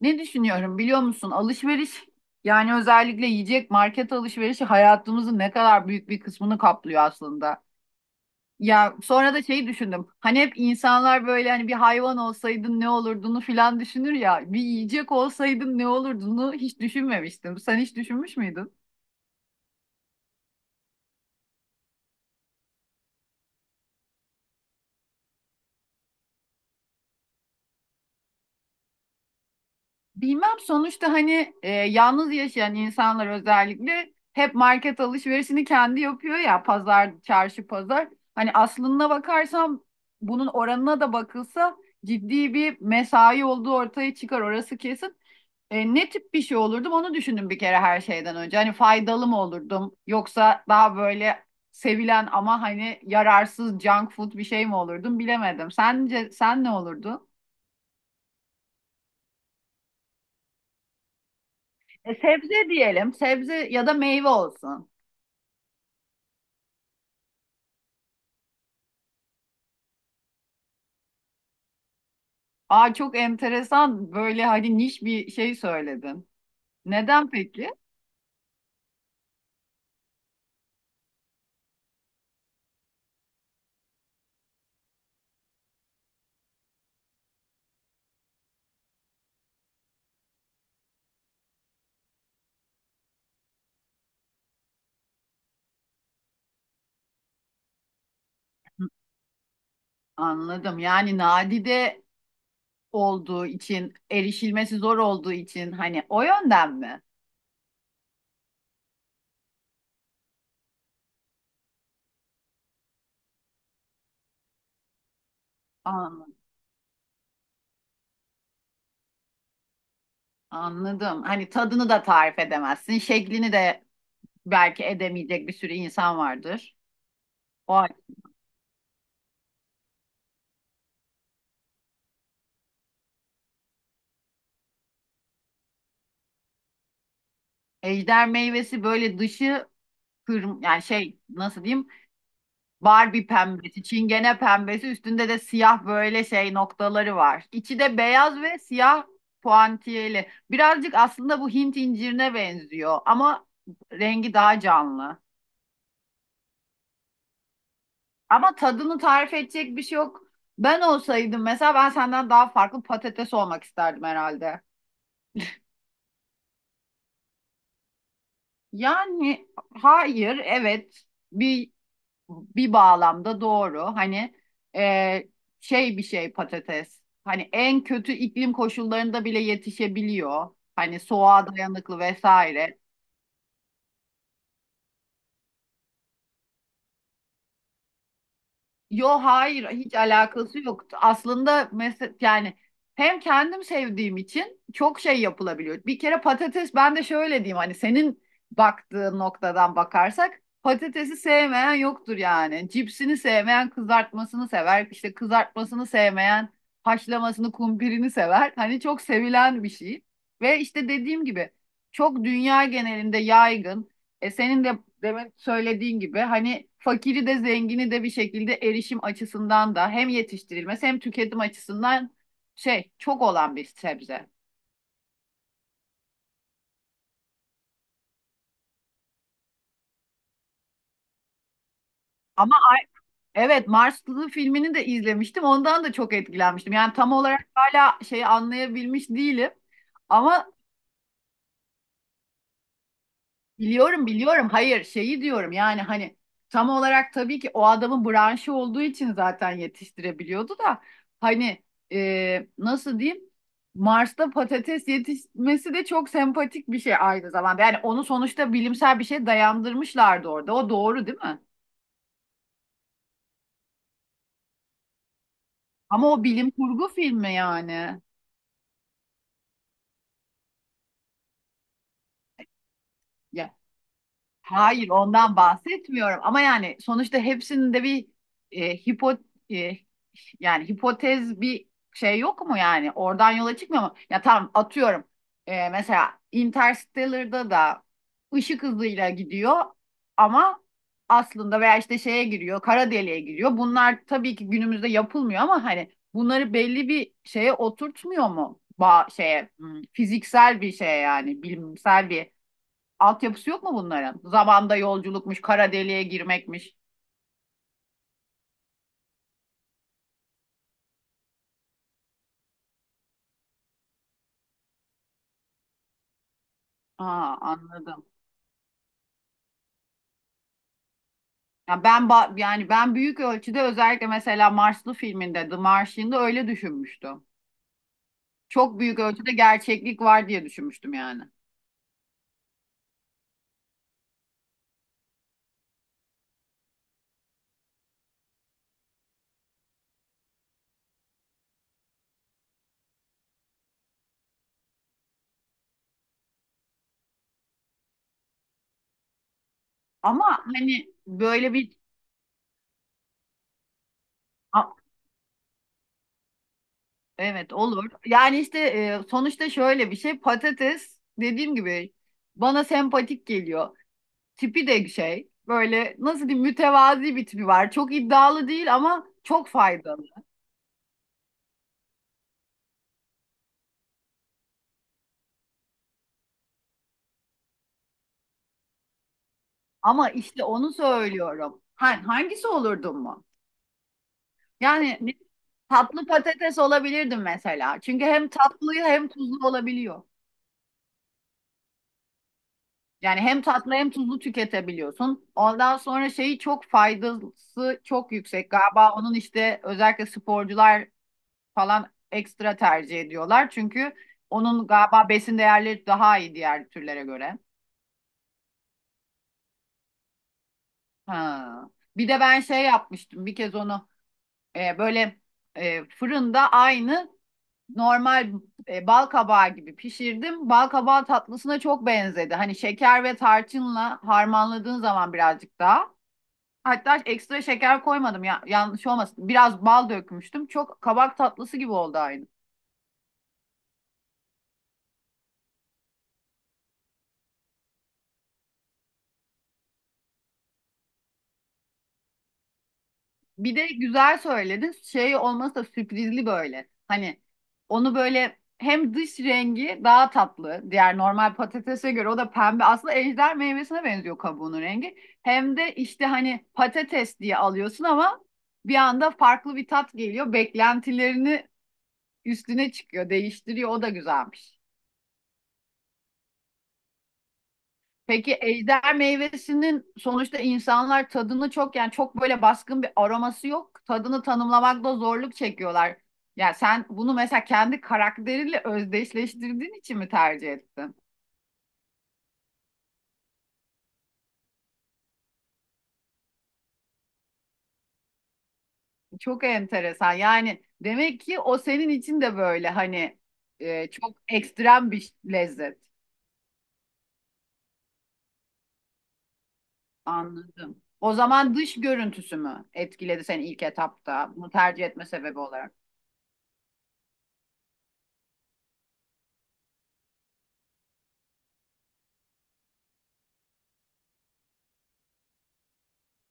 Ne düşünüyorum biliyor musun? Alışveriş yani özellikle yiyecek market alışverişi hayatımızın ne kadar büyük bir kısmını kaplıyor aslında. Ya sonra da şeyi düşündüm. Hani hep insanlar böyle hani bir hayvan olsaydın ne olurduğunu filan düşünür ya. Bir yiyecek olsaydın ne olurduğunu hiç düşünmemiştim. Sen hiç düşünmüş müydün? Bilmem sonuçta hani yalnız yaşayan insanlar özellikle hep market alışverişini kendi yapıyor ya pazar, çarşı pazar. Hani aslına bakarsam bunun oranına da bakılsa ciddi bir mesai olduğu ortaya çıkar orası kesin. Ne tip bir şey olurdum onu düşündüm bir kere her şeyden önce. Hani faydalı mı olurdum yoksa daha böyle sevilen ama hani yararsız junk food bir şey mi olurdum bilemedim. Sence sen ne olurdun? Sebze diyelim. Sebze ya da meyve olsun. Aa çok enteresan böyle hani niş bir şey söyledin. Neden peki? Anladım. Yani nadide olduğu için, erişilmesi zor olduğu için hani o yönden mi? Anladım. Anladım. Hani tadını da tarif edemezsin. Şeklini de belki edemeyecek bir sürü insan vardır. O ejder meyvesi böyle dışı yani şey nasıl diyeyim? Barbie pembesi, çingene pembesi, üstünde de siyah böyle şey noktaları var. İçi de beyaz ve siyah puantiyeli. Birazcık aslında bu Hint incirine benziyor ama rengi daha canlı. Ama tadını tarif edecek bir şey yok. Ben olsaydım mesela ben senden daha farklı patates olmak isterdim herhalde. Yani hayır, evet bir bir bağlamda doğru. Hani e, şey bir şey patates. Hani en kötü iklim koşullarında bile yetişebiliyor. Hani soğuğa dayanıklı vesaire. Yo hayır hiç alakası yoktu. Aslında mesela yani hem kendim sevdiğim için çok şey yapılabiliyor. Bir kere patates ben de şöyle diyeyim hani senin baktığın noktadan bakarsak patatesi sevmeyen yoktur yani. Cipsini sevmeyen kızartmasını sever. İşte kızartmasını sevmeyen haşlamasını kumpirini sever. Hani çok sevilen bir şey. Ve işte dediğim gibi çok dünya genelinde yaygın. E senin de demin söylediğin gibi hani fakiri de zengini de bir şekilde erişim açısından da hem yetiştirilmesi hem tüketim açısından şey çok olan bir sebze. Ama evet Marslı filmini de izlemiştim. Ondan da çok etkilenmiştim. Yani tam olarak hala şeyi anlayabilmiş değilim. Ama Biliyorum biliyorum. Hayır şeyi diyorum yani hani tam olarak tabii ki o adamın branşı olduğu için zaten yetiştirebiliyordu da hani nasıl diyeyim Mars'ta patates yetişmesi de çok sempatik bir şey aynı zamanda. Yani onu sonuçta bilimsel bir şey dayandırmışlardı orada. O doğru değil mi? Ama o bilim kurgu filmi yani. Ya, hayır, ondan bahsetmiyorum. Ama yani sonuçta hepsinin de bir e, hipo e, yani hipotez bir şey yok mu yani? Oradan yola çıkmıyor mu? Ya tamam atıyorum. Mesela Interstellar'da da ışık hızıyla gidiyor ama aslında veya işte şeye giriyor, kara deliğe giriyor. Bunlar tabii ki günümüzde yapılmıyor ama hani bunları belli bir şeye oturtmuyor mu? Ba şeye fiziksel bir şeye yani bilimsel bir altyapısı yok mu bunların? Zamanda yolculukmuş, kara deliğe girmekmiş. Aa, anladım. Ya yani ben büyük ölçüde özellikle mesela Marslı filminde The Martian'da öyle düşünmüştüm. Çok büyük ölçüde gerçeklik var diye düşünmüştüm yani. Ama hani böyle bir A- evet olur. Yani işte sonuçta şöyle bir şey patates dediğim gibi bana sempatik geliyor. Tipi de şey böyle nasıl diyeyim mütevazi bir tipi var. Çok iddialı değil ama çok faydalı. Ama işte onu söylüyorum. Hangisi olurdun mu? Yani ne- Tatlı patates olabilirdim mesela. Çünkü hem tatlıyı hem tuzlu olabiliyor. Yani hem tatlı hem tuzlu tüketebiliyorsun. Ondan sonra şeyi çok faydası çok yüksek. Galiba onun işte özellikle sporcular falan ekstra tercih ediyorlar. Çünkü onun galiba besin değerleri daha iyi diğer türlere göre. Ha. Bir de ben şey yapmıştım bir kez onu böyle fırında aynı normal bal kabağı gibi pişirdim. Bal kabağı tatlısına çok benzedi. Hani şeker ve tarçınla harmanladığın zaman birazcık daha. Hatta ekstra şeker koymadım ya, yanlış olmasın. Biraz bal dökmüştüm. Çok kabak tatlısı gibi oldu aynı. Bir de güzel söyledin. Şey olması da sürprizli böyle. Hani onu böyle hem dış rengi daha tatlı. Diğer normal patatese göre o da pembe. Aslında ejder meyvesine benziyor kabuğunun rengi. Hem de işte hani patates diye alıyorsun ama bir anda farklı bir tat geliyor. Beklentilerini üstüne çıkıyor, değiştiriyor. O da güzelmiş. Peki ejder meyvesinin sonuçta insanlar tadını çok yani çok böyle baskın bir aroması yok. Tadını tanımlamakta zorluk çekiyorlar. Yani sen bunu mesela kendi karakteriyle özdeşleştirdiğin için mi tercih ettin? Çok enteresan. Yani demek ki o senin için de böyle hani çok ekstrem bir lezzet. Anladım. O zaman dış görüntüsü mü etkiledi seni ilk etapta bunu tercih etme sebebi olarak?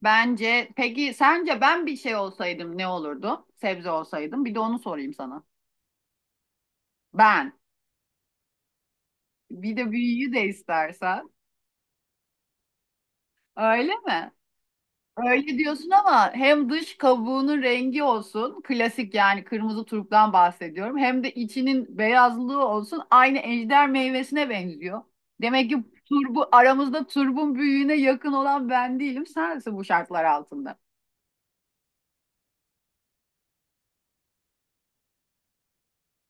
Bence peki sence ben bir şey olsaydım ne olurdu? Sebze olsaydım. Bir de onu sorayım sana. Ben. Bir de büyüyü de istersen. Öyle mi? Öyle diyorsun ama hem dış kabuğunun rengi olsun, klasik yani kırmızı turptan bahsediyorum. Hem de içinin beyazlığı olsun, aynı ejder meyvesine benziyor. Demek ki turbu aramızda turbun büyüğüne yakın olan ben değilim, sensin bu şartlar altında.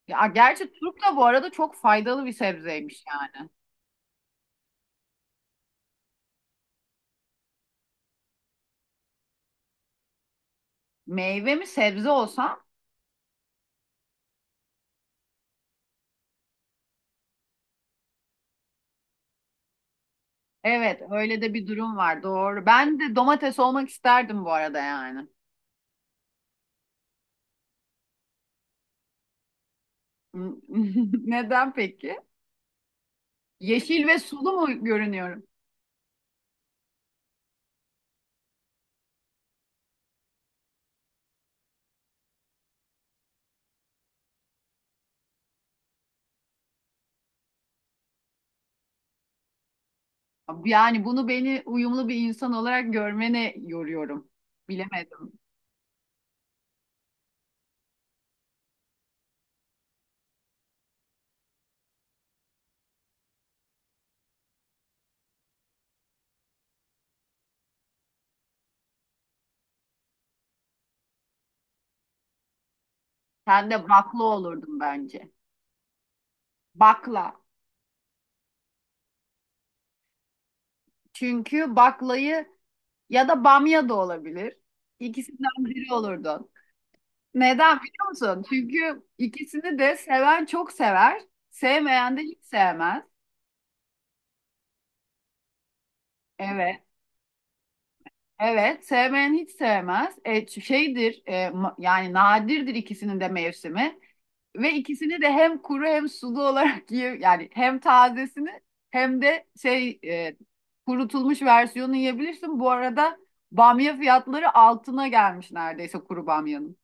Ya gerçi turp da bu arada çok faydalı bir sebzeymiş yani. Meyve mi sebze olsam? Evet, öyle de bir durum var. Doğru. Ben de domates olmak isterdim bu arada yani. Neden peki? Yeşil ve sulu mu görünüyorum? Yani bunu beni uyumlu bir insan olarak görmene yoruyorum. Bilemedim. Sen de bakla olurdun bence. Bakla. Çünkü baklayı ya da bamya da olabilir. İkisinden biri olurdun. Neden biliyor musun? Çünkü ikisini de seven çok sever, sevmeyen de hiç sevmez. Evet, evet, sevmeyen hiç sevmez. Yani nadirdir ikisinin de mevsimi. Ve ikisini de hem kuru hem sulu olarak yiyor. Yani hem tazesini hem de kurutulmuş versiyonu yiyebilirsin. Bu arada bamya fiyatları altına gelmiş neredeyse kuru bamyanın.